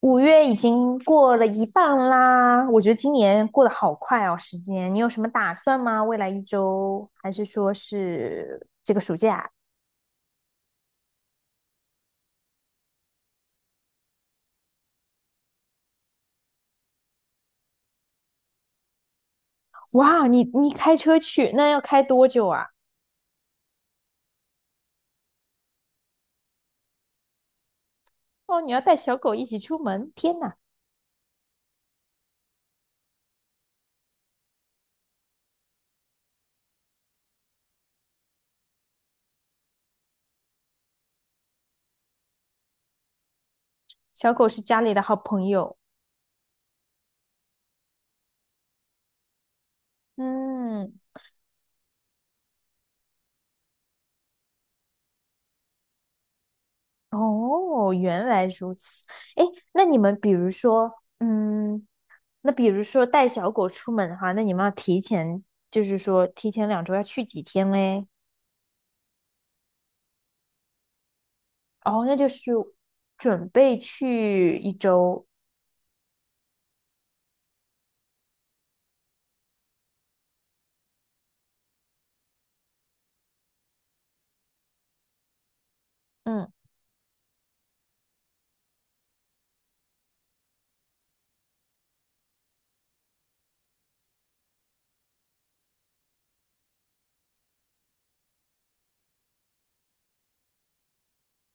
5月已经过了一半啦，我觉得今年过得好快哦，时间。你有什么打算吗？未来一周，还是说是这个暑假？哇，你开车去，那要开多久啊？哦，你要带小狗一起出门，天哪，小狗是家里的好朋友。嗯，哦，原来如此。哎，那你们比如说，嗯，那比如说带小狗出门的话，那你们要提前，就是说提前2周要去几天嘞？哦，那就是准备去一周，嗯，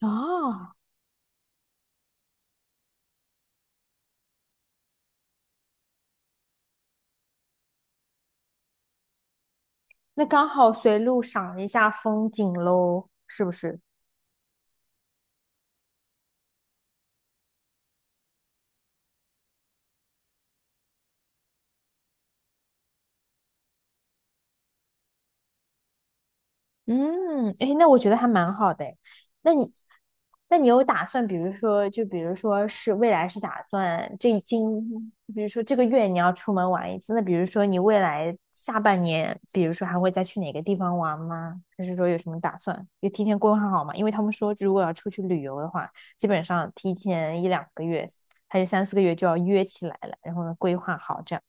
啊，那刚好随路赏一下风景喽，是不是？嗯，哎，那我觉得还蛮好的诶。那你，那你有打算，比如说，就比如说是未来是打算这今，比如说这个月你要出门玩一次，那比如说你未来下半年，比如说还会再去哪个地方玩吗？还是说有什么打算？也提前规划好嘛？因为他们说，如果要出去旅游的话，基本上提前1、2个月还是3、4个月就要约起来了，然后呢规划好这样。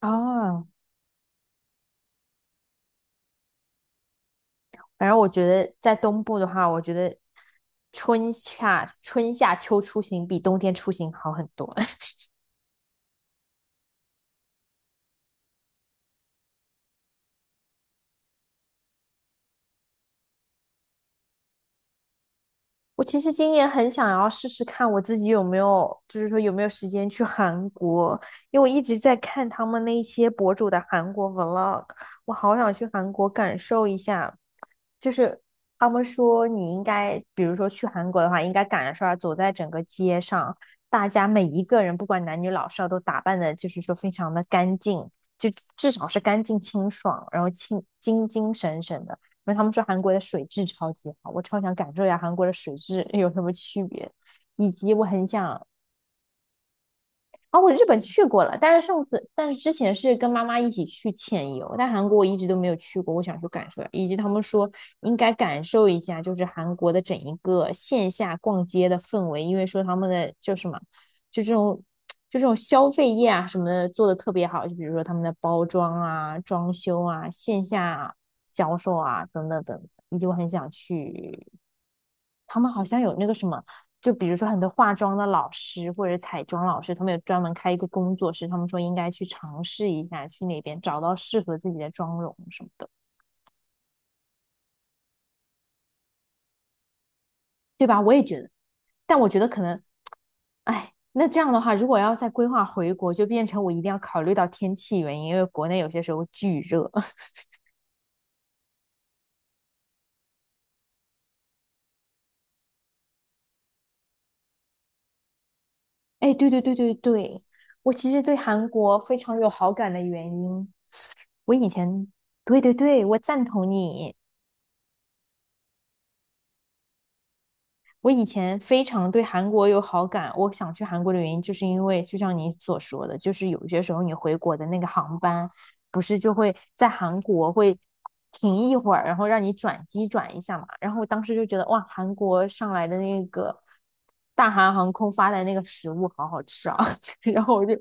哦，反正我觉得在东部的话，我觉得春夏秋出行比冬天出行好很多。我其实今年很想要试试看我自己有没有，就是说有没有时间去韩国，因为我一直在看他们那些博主的韩国 vlog，我好想去韩国感受一下。就是他们说你应该，比如说去韩国的话，应该赶上走在整个街上，大家每一个人不管男女老少都打扮的，就是说非常的干净，就至少是干净清爽，然后清精精神神的。因为他们说韩国的水质超级好，我超想感受一下韩国的水质有什么区别，以及我很想啊、我日本去过了，但是上次，但是之前是跟妈妈一起去潜游，但韩国我一直都没有去过，我想去感受一下，以及他们说应该感受一下，就是韩国的整一个线下逛街的氛围，因为说他们的就什么，就这种就这种消费业啊什么的做的特别好，就比如说他们的包装啊、装修啊、线下销售啊等等等，等，以及我很想去他们好像有那个什么，就比如说很多化妆的老师或者彩妆老师，他们有专门开一个工作室，他们说应该去尝试一下，去那边找到适合自己的妆容什么的，对吧？我也觉得，但我觉得可能，哎，那这样的话，如果要再规划回国，就变成我一定要考虑到天气原因，因为国内有些时候巨热。哎，对对对对对，我其实对韩国非常有好感的原因，我以前，对对对，我赞同你。我以前非常对韩国有好感，我想去韩国的原因，就是因为就像你所说的，就是有些时候你回国的那个航班，不是就会在韩国会停一会儿，然后让你转机转一下嘛。然后我当时就觉得，哇，韩国上来的那个大韩航空发来那个食物好好吃啊，然后我就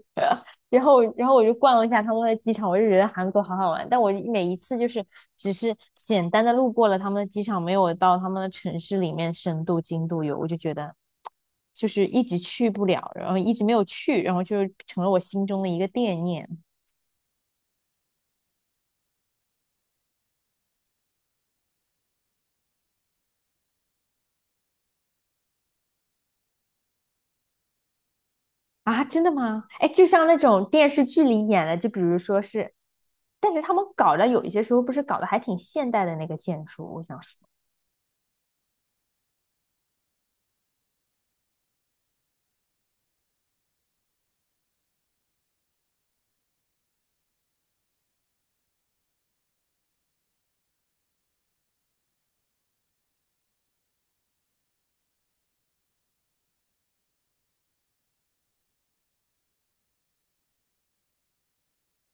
然后，然后我就逛了一下他们的机场，我就觉得韩国好好玩。但我每一次就是只是简单的路过了他们的机场，没有到他们的城市里面深度精度游，我就觉得就是一直去不了，然后一直没有去，然后就成了我心中的一个惦念。啊！真的吗？哎，就像那种电视剧里演的，就比如说是，但是他们搞的有一些时候不是搞得还挺现代的那个建筑，我想说。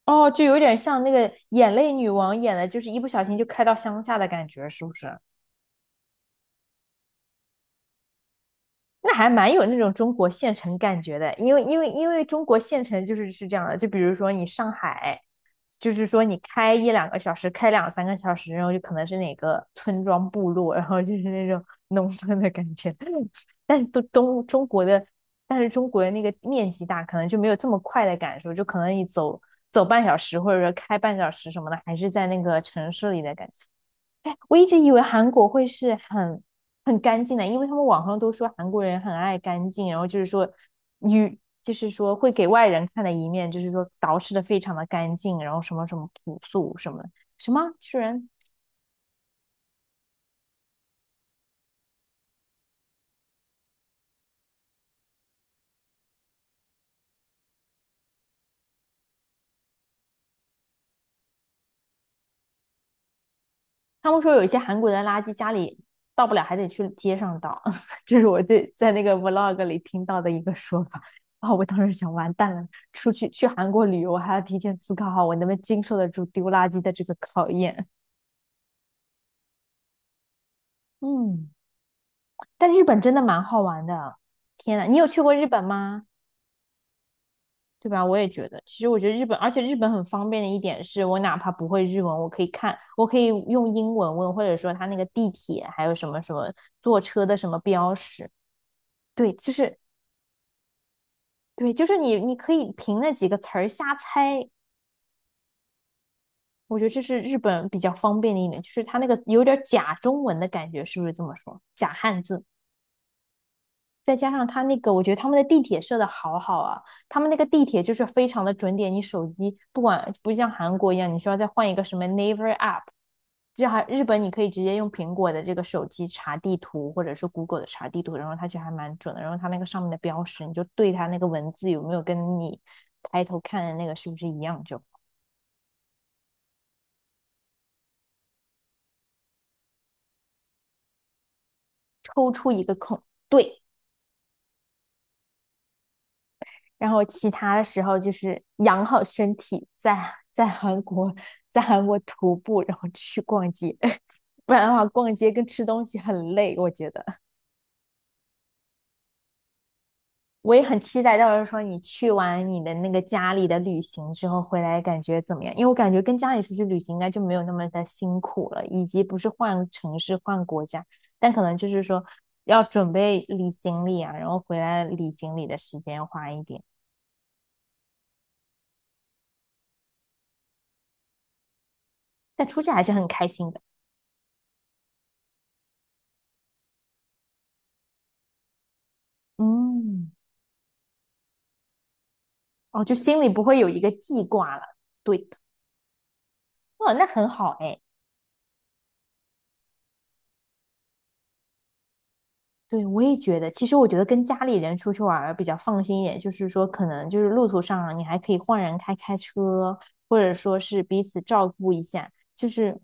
哦，就有点像那个眼泪女王演的，就是一不小心就开到乡下的感觉，是不是？那还蛮有那种中国县城感觉的，因为中国县城就是是这样的，就比如说你上海，就是说你开1、2个小时，开2、3个小时，然后就可能是哪个村庄部落，然后就是那种农村的感觉。但是都东中国的，但是中国的那个面积大，可能就没有这么快的感受，就可能你走走半小时或者说开半小时什么的，还是在那个城市里的感觉。哎，我一直以为韩国会是很干净的，因为他们网上都说韩国人很爱干净，然后就是说女，就是说会给外人看的一面，就是说捯饬的非常的干净，然后什么什么朴素什么什么，居然他们说有一些韩国人的垃圾家里倒不了，还得去街上倒，这是我对在那个 vlog 里听到的一个说法。啊、我当时想，完蛋了，出去去韩国旅游还要提前思考好我能不能经受得住丢垃圾的这个考验。嗯。但日本真的蛮好玩的。天呐，你有去过日本吗？对吧？我也觉得，其实我觉得日本，而且日本很方便的一点是，我哪怕不会日文，我可以看，我可以用英文问，或者说他那个地铁还有什么什么坐车的什么标识，对，就是对，就是你可以凭那几个词儿瞎猜。我觉得这是日本比较方便的一点，就是他那个有点假中文的感觉，是不是这么说？假汉字。再加上他那个，我觉得他们的地铁设的好好啊，他们那个地铁就是非常的准点，你手机不管不像韩国一样，你需要再换一个什么 Naver App，这还日本你可以直接用苹果的这个手机查地图，或者是 Google 的查地图，然后它就还蛮准的，然后它那个上面的标识，你就对它那个文字有没有跟你抬头看的那个是不是一样，就抽出一个空，对，然后其他的时候就是养好身体，在在韩国徒步，然后去逛街，不然的话逛街跟吃东西很累，我觉得。我也很期待，到时候说你去完你的那个家里的旅行之后回来感觉怎么样？因为我感觉跟家里出去旅行应该就没有那么的辛苦了，以及不是换城市换国家，但可能就是说要准备理行李啊，然后回来理行李的时间花一点，但出去还是很开心的。嗯。哦，就心里不会有一个记挂了。对的，哇，那很好哎。对，我也觉得，其实我觉得跟家里人出去玩儿比较放心一点，就是说可能就是路途上你还可以换人开开车，或者说是彼此照顾一下，就是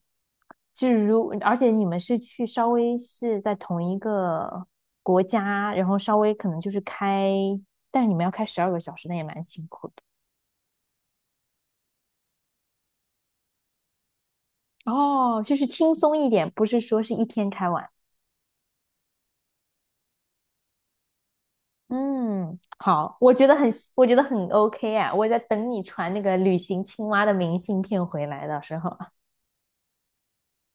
就是如，而且你们是去稍微是在同一个国家，然后稍微可能就是开，但是你们要开12个小时，那也蛮辛苦的。哦，就是轻松一点，不是说是一天开完。嗯，好，我觉得很，我觉得很 OK 啊，我在等你传那个旅行青蛙的明信片回来的时候。